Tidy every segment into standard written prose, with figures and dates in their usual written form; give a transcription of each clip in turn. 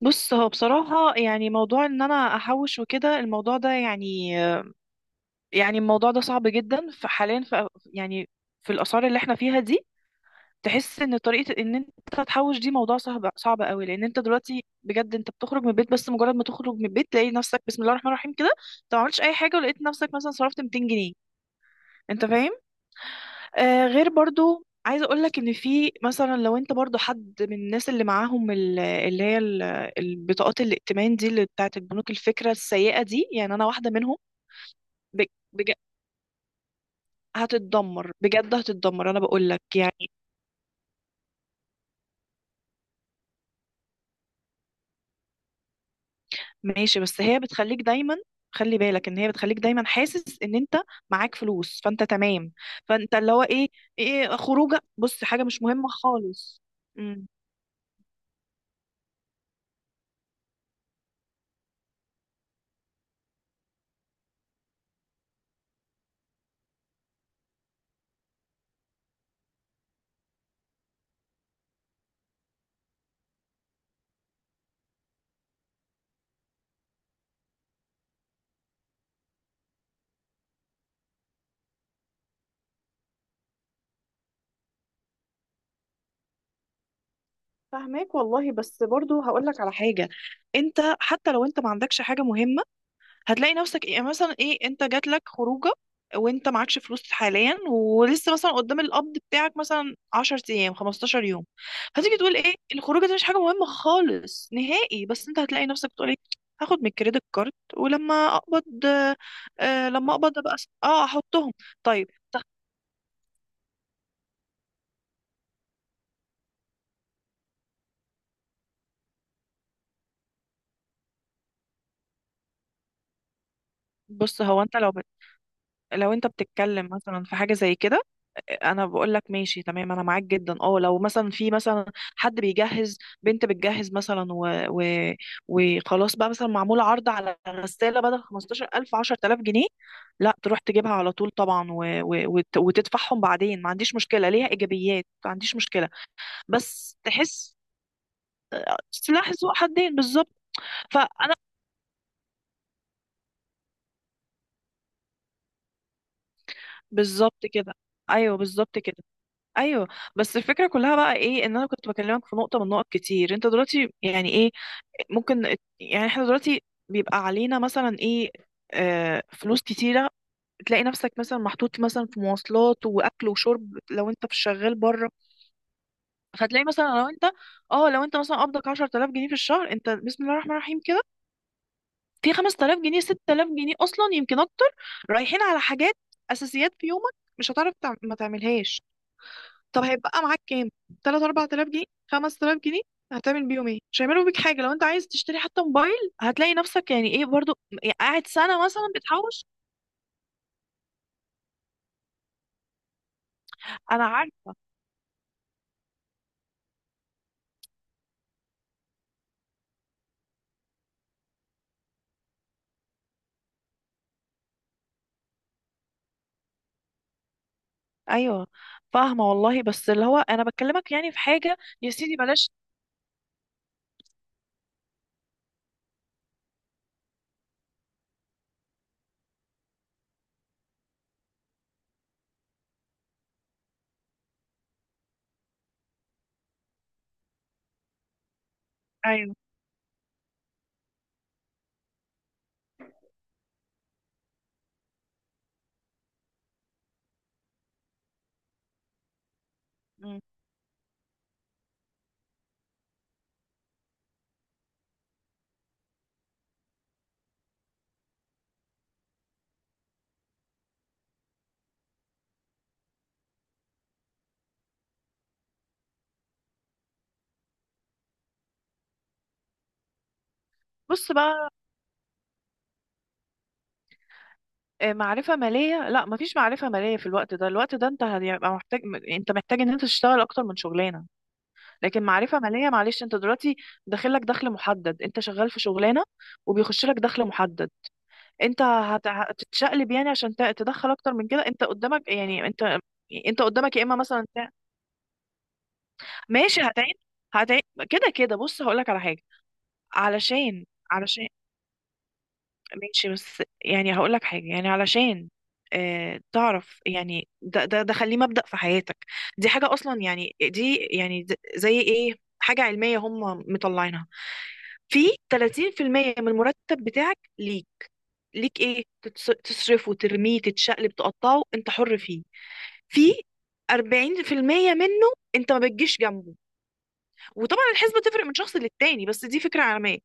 بص، هو بصراحة يعني موضوع ان انا احوش وكده الموضوع ده يعني الموضوع ده صعب جدا، فحاليا يعني في الاسعار اللي احنا فيها دي. تحس ان طريقة ان انت تحوش دي موضوع صعب صعب قوي، لان انت دلوقتي بجد انت بتخرج من البيت، بس مجرد ما تخرج من البيت تلاقي نفسك بسم الله الرحمن الرحيم كده، انت ما عملتش اي حاجة ولقيت نفسك مثلا صرفت 200 جنيه. انت فاهم؟ غير برضو عايزة أقولك إن في مثلا لو أنت برضو حد من الناس اللي معاهم البطاقات الائتمان دي اللي بتاعت البنوك، الفكرة السيئة دي، يعني أنا واحدة منهم. بج... بج... هتتدمر بجد، هتتدمر، أنا بقولك يعني. ماشي، بس هي بتخليك دايما. خلي بالك إن هي بتخليك دايما حاسس إن أنت معاك فلوس، فأنت تمام. فأنت اللي هو إيه خروجة، بص، حاجة مش مهمة خالص. امم. فهماك والله، بس برضو هقول لك على حاجه. انت حتى لو انت ما عندكش حاجه مهمه، هتلاقي نفسك ايه، يعني مثلا ايه؟ انت جات لك خروجه وانت معكش فلوس حاليا، ولسه مثلا قدام القبض بتاعك مثلا 10 ايام، 15 يوم. هتيجي تقول ايه الخروجه دي مش حاجه مهمه خالص نهائي، بس انت هتلاقي نفسك بتقول ايه، هاخد من الكريدت كارد ولما اقبض. لما اقبض ابقى احطهم. طيب. بص، هو انت لو انت بتتكلم مثلا في حاجه زي كده، انا بقول لك ماشي، تمام، انا معاك جدا. اه لو مثلا في مثلا حد بيجهز بنت بتجهز مثلا وخلاص بقى مثلا، معمول عرض على غسالة بدل 15000، 10000 جنيه، لا تروح تجيبها على طول طبعا وتدفعهم بعدين، ما عنديش مشكلة، ليها ايجابيات، ما عنديش مشكلة. بس تحس. سلاح ذو حدين بالظبط. فانا. بالظبط كده. ايوه، بالظبط كده. ايوه. بس الفكره كلها بقى ايه، ان انا كنت بكلمك في نقطه من نقط كتير. انت دلوقتي يعني ايه، ممكن، يعني احنا دلوقتي بيبقى علينا مثلا ايه، آه، فلوس كتيرة. تلاقي نفسك مثلا محطوط مثلا في مواصلات وأكل وشرب لو أنت في شغال بره. فتلاقي مثلا لو أنت مثلا قبضك 10000 جنيه في الشهر. أنت بسم الله الرحمن الرحيم كده في 5000 جنيه، 6000 جنيه أصلا، يمكن أكتر، رايحين على حاجات، أساسيات في يومك مش هتعرف ما تعملهاش. طب هيبقى معاك كام، 3، 4000 جنيه، 5000 جنيه، هتعمل بيهم ايه؟ مش هيعملوا بيك حاجه. لو انت عايز تشتري حتى موبايل، هتلاقي نفسك يعني ايه برضو، يعني قاعد سنه مثلا بتحوش. انا عارفه. ايوه فاهمه والله، بس اللي هو انا بكلمك يعني في حاجه يا سيدي، بلاش. ايوه. مم. بص بقى. معرفة مالية؟ لا، مفيش معرفة مالية في الوقت ده. الوقت ده انت هيبقى محتاج، انت محتاج ان انت تشتغل اكتر من شغلانة. لكن معرفة مالية، معلش، انت دلوقتي داخل لك دخل محدد، انت شغال في شغلانة وبيخش لك دخل محدد. انت هتتشقلب يعني عشان تدخل اكتر من كده. انت قدامك يعني انت قدامك يا اما مثلا ماشي، هتعين، هتعين كده كده. بص، هقول لك على حاجه، علشان، علشان، ماشي بس يعني هقول لك حاجه، يعني علشان، اه تعرف يعني، ده خليه مبدأ في حياتك. دي حاجه اصلا يعني، دي يعني زي ايه، حاجه علميه هم مطلعينها. في 30% من المرتب بتاعك ليك، ليك تصرفه، ترميه، تتشقلب، تقطعه، انت حر فيه. في 40% منه انت ما بتجيش جنبه. وطبعا الحسبة تفرق من شخص للتاني، بس دي فكرة عامة.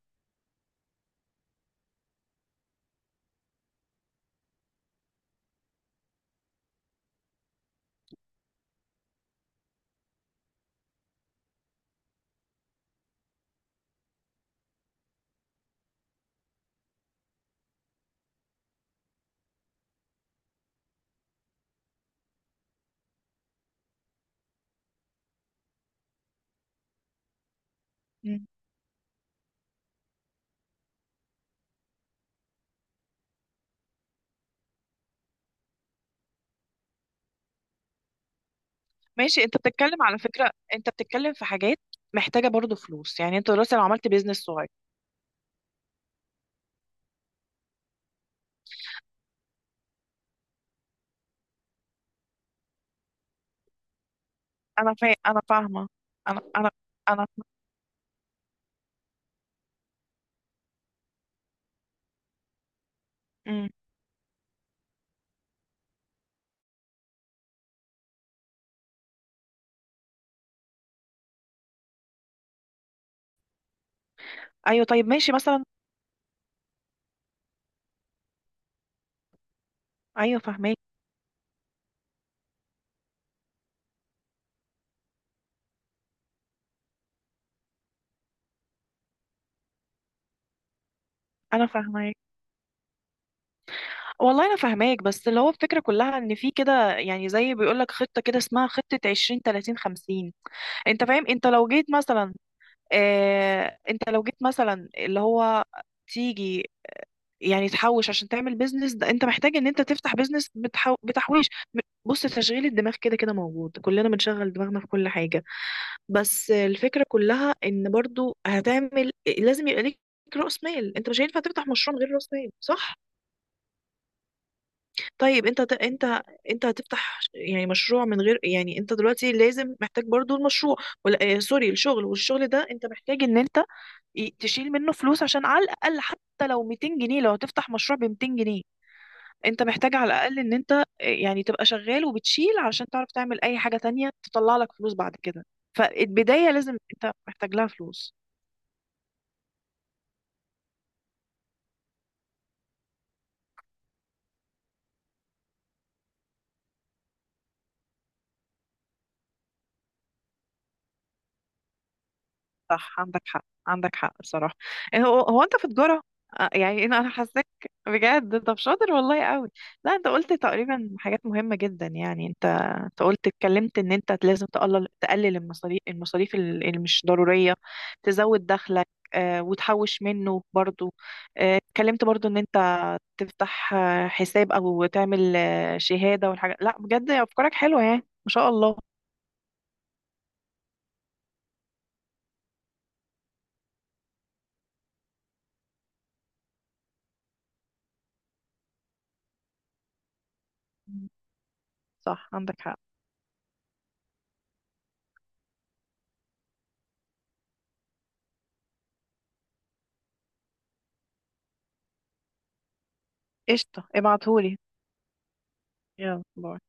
مم. ماشي، انت بتتكلم على فكرة، انت بتتكلم في حاجات محتاجة برضو فلوس. يعني انت دلوقتي لو عملت بيزنس صغير. انا فاهمة. انا انا انا. مم. ايوه طيب ماشي مثلا. ايوه فاهماك. انا فاهمة والله، انا فاهماك، بس اللي هو الفكره كلها، ان في كده يعني زي بيقولك خطه كده، اسمها خطه 20، 30، 50. انت فاهم؟ انت لو جيت مثلا، آه انت لو جيت مثلا اللي هو تيجي يعني تحوش عشان تعمل بيزنس، ده انت محتاج ان انت تفتح بيزنس بتحويش. م- بص، تشغيل الدماغ كده كده موجود، كلنا بنشغل دماغنا في كل حاجة. بس الفكرة كلها ان برضو هتعمل، لازم يبقى ليك رأس مال. انت مش هينفع تفتح مشروع من غير رأس مال، صح؟ طيب انت انت هتفتح يعني مشروع من غير، يعني انت دلوقتي لازم محتاج برضو المشروع، ولا سوري، الشغل، والشغل ده انت محتاج ان انت تشيل منه فلوس، عشان على الاقل حتى لو 200 جنيه لو هتفتح مشروع ب 200 جنيه. انت محتاج على الاقل ان انت يعني تبقى شغال وبتشيل، عشان تعرف تعمل اي حاجة تانية تطلع لك فلوس بعد كده. فالبداية لازم انت محتاج لها فلوس. صح، عندك حق، عندك حق بصراحة. إيه، هو هو انت في تجارة؟ يعني انا حاساك بجد. طب شاطر والله قوي. لا، انت قلت تقريبا حاجات مهمة جدا، يعني انت. انت قلت، اتكلمت ان انت لازم تقلل المصاريف اللي مش ضرورية. تزود دخلك. وتحوش منه برضو. اتكلمت برضو ان انت تفتح، حساب او تعمل، شهادة والحاجات، لا بجد افكارك حلوة يعني، ما شاء الله. صح عندك حق. قشطة، ابعتهولي. يلا، باي.